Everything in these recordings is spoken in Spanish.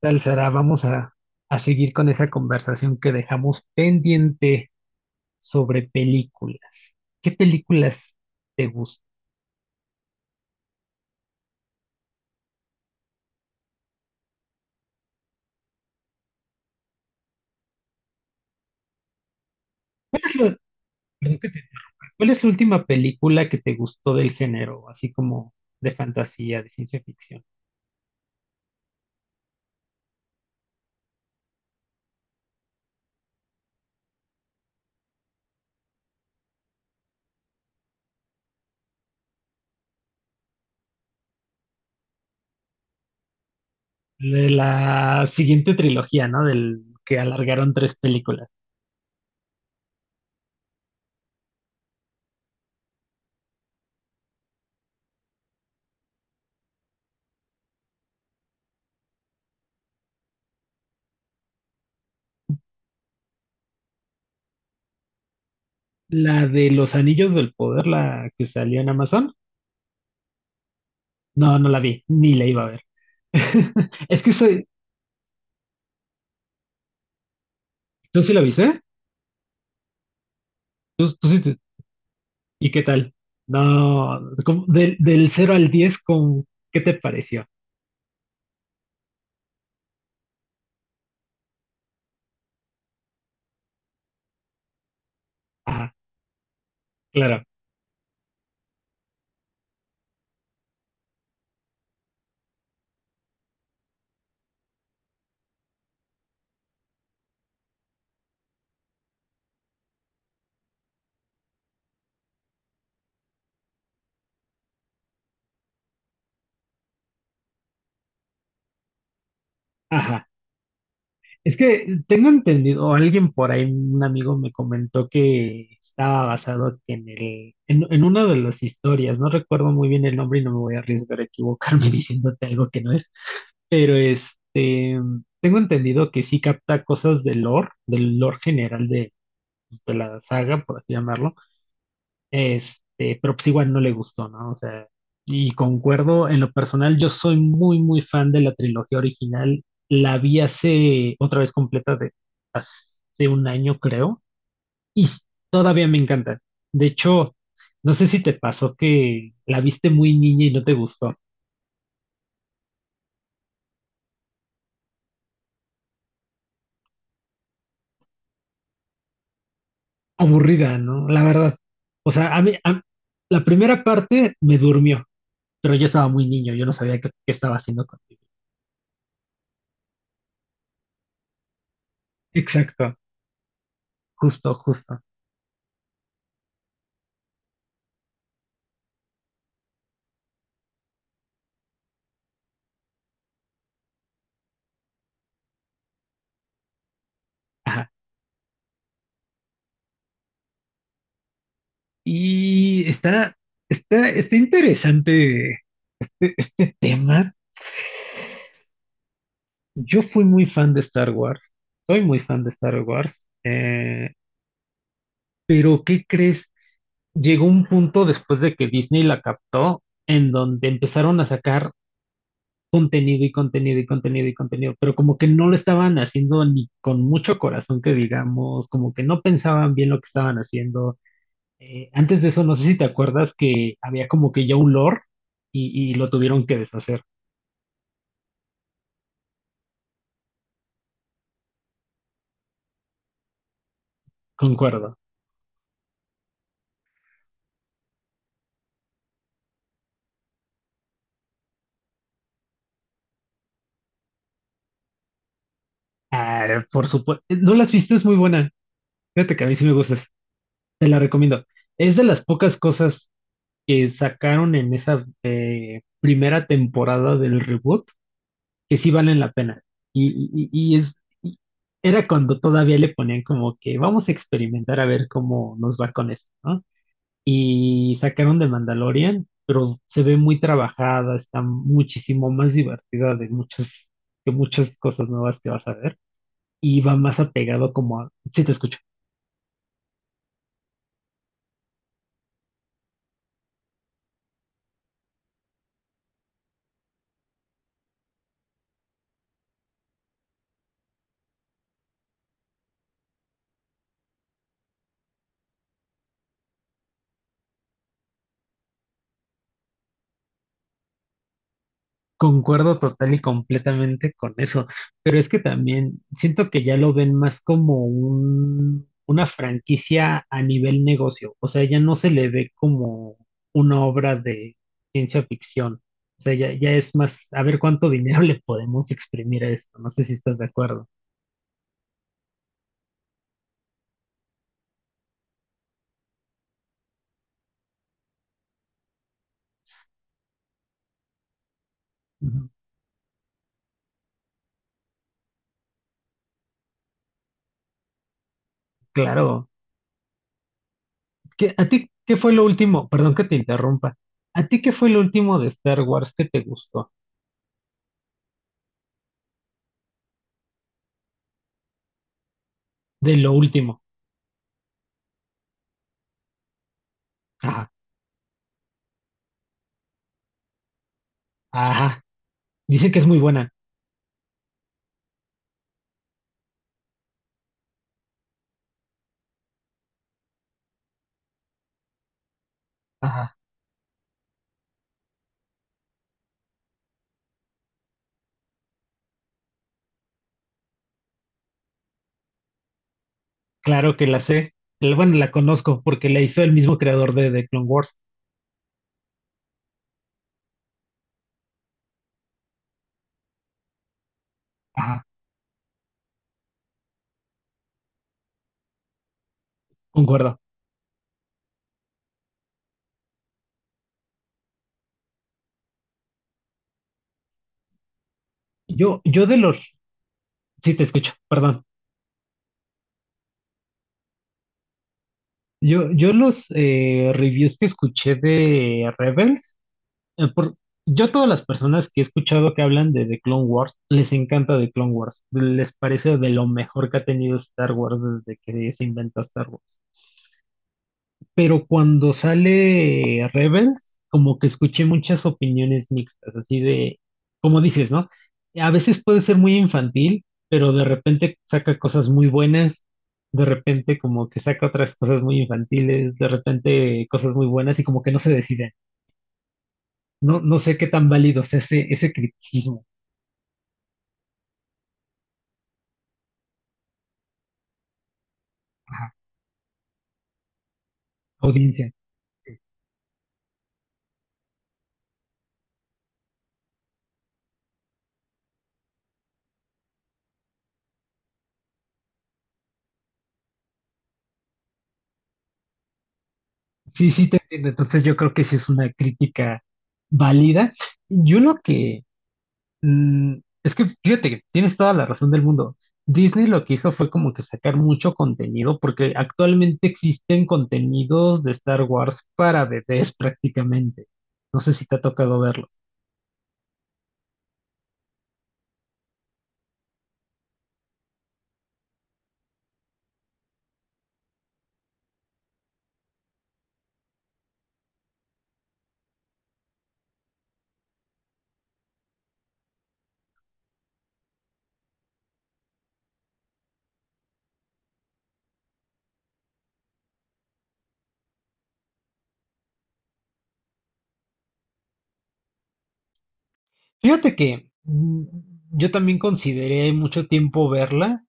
Tal Sara, vamos a seguir con esa conversación que dejamos pendiente sobre películas. ¿Qué películas te gustan? ¿Cuál es la última película que te gustó del género, así como de fantasía, de ciencia ficción? De la siguiente trilogía, ¿no? Del que alargaron tres películas. La de Los Anillos del Poder, la que salió en Amazon. No, no la vi, ni la iba a ver. Es que soy, tú sí la viste, ¿eh? ¿Tú sí? ¿Y qué tal? No, ¿cómo? Del cero al 10, ¿con qué te pareció? Ajá, claro, ajá. Es que tengo entendido, o alguien por ahí, un amigo me comentó que estaba basado en una de las historias, no recuerdo muy bien el nombre y no me voy a arriesgar a equivocarme diciéndote algo que no es, pero este, tengo entendido que sí capta cosas del lore general de, pues, de la saga, por así llamarlo. Este, pero pues igual no le gustó, ¿no? O sea, y concuerdo, en lo personal, yo soy muy, muy fan de la trilogía original. La vi hace, otra vez completa, de hace un año, creo, y todavía me encanta. De hecho, no sé si te pasó que la viste muy niña y no te gustó. Aburrida, ¿no? La verdad. O sea, a mí, la primera parte me durmió, pero yo estaba muy niño, yo no sabía qué estaba haciendo contigo. Exacto, justo, justo. Ajá. Y está interesante el tema. Yo fui muy fan de Star Wars, soy muy fan de Star Wars, pero ¿qué crees? Llegó un punto después de que Disney la captó en donde empezaron a sacar contenido y contenido y contenido y contenido, pero como que no lo estaban haciendo ni con mucho corazón que digamos, como que no pensaban bien lo que estaban haciendo. Antes de eso, no sé si te acuerdas que había como que ya un lore y lo tuvieron que deshacer. Concuerdo. Ah, por supuesto. No la has visto, es muy buena. Fíjate que a mí sí me gustas. Te la recomiendo. Es de las pocas cosas que sacaron en esa primera temporada del reboot que sí valen la pena. Y, y- y es, y era cuando todavía le ponían como que vamos a experimentar a ver cómo nos va con esto, ¿no? Y sacaron de Mandalorian, pero se ve muy trabajada, está muchísimo más divertida de muchas, que muchas cosas nuevas que vas a ver. Y va más apegado como a, sí te escucho, concuerdo total y completamente con eso, pero es que también siento que ya lo ven más como una franquicia a nivel negocio, o sea, ya no se le ve como una obra de ciencia ficción, o sea, ya, es más, a ver cuánto dinero le podemos exprimir a esto, no sé si estás de acuerdo. Ujú. Claro. ¿A ti qué fue lo último? Perdón que te interrumpa. ¿A ti qué fue lo último de Star Wars que te gustó? De lo último. Ajá, dice que es muy buena. Ajá, claro que la sé. Bueno, la conozco porque la hizo el mismo creador de Clone Wars. Ajá, concuerdo. Yo de los, sí te escucho, perdón. Yo los reviews que escuché de Rebels, por, yo todas las personas que he escuchado que hablan de, The Clone Wars, les encanta The Clone Wars. Les parece de lo mejor que ha tenido Star Wars desde que se inventó Star Wars. Pero cuando sale Rebels, como que escuché muchas opiniones mixtas, así de, como dices, ¿no? A veces puede ser muy infantil, pero de repente saca cosas muy buenas, de repente como que saca otras cosas muy infantiles, de repente cosas muy buenas y como que no se deciden. No, no sé qué tan válido es ese criticismo. Ajá, audiencia. Sí, sí, te entiendo. Entonces yo creo que sí es una crítica válida. Yo lo que, es que fíjate que tienes toda la razón del mundo. Disney lo que hizo fue como que sacar mucho contenido, porque actualmente existen contenidos de Star Wars para bebés prácticamente. No sé si te ha tocado verlos. Fíjate que yo también consideré mucho tiempo verla.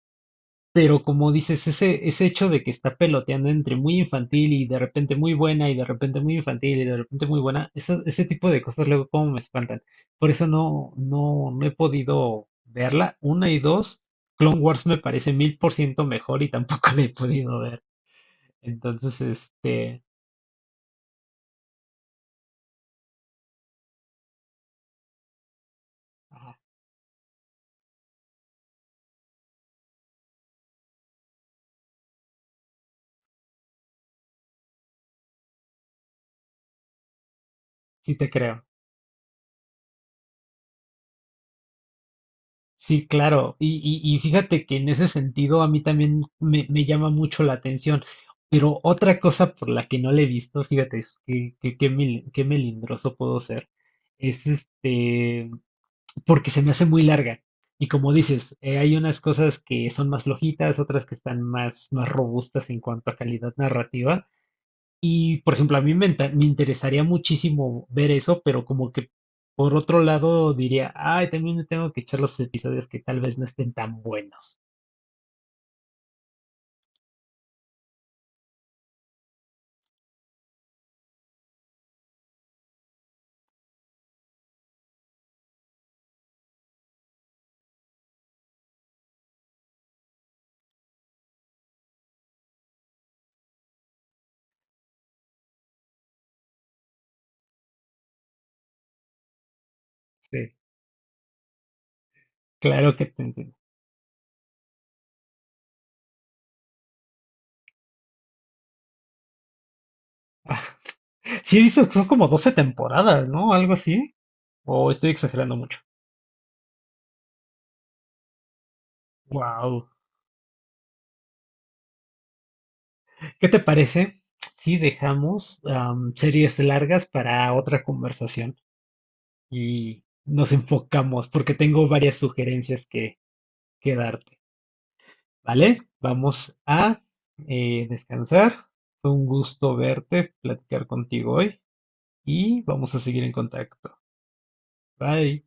Pero como dices, ese, hecho de que está peloteando entre muy infantil y de repente muy buena y de repente muy infantil y de repente muy buena, eso, ese tipo de cosas luego como me espantan. Por eso no, no, no he podido verla. Una y dos, Clone Wars me parece 1000% mejor y tampoco la he podido ver. Entonces, este, ah, sí te creo. Sí, claro. Y fíjate que en ese sentido a mí también me llama mucho la atención. Pero otra cosa por la que no le he visto, fíjate, es qué melindroso puedo ser, es este, porque se me hace muy larga. Y como dices, hay unas cosas que son más flojitas, otras que están más robustas en cuanto a calidad narrativa. Y, por ejemplo, a mí me interesaría muchísimo ver eso, pero como que por otro lado diría, ay, también me tengo que echar los episodios que tal vez no estén tan buenos. Sí, claro que te entiendo. Sí, dices, son como 12 temporadas, ¿no? Algo así. O estoy exagerando mucho. Wow. ¿Qué te parece si dejamos series largas para otra conversación y nos enfocamos? Porque tengo varias sugerencias que, darte. Vale, vamos a descansar. Fue un gusto verte, platicar contigo hoy y vamos a seguir en contacto. Bye.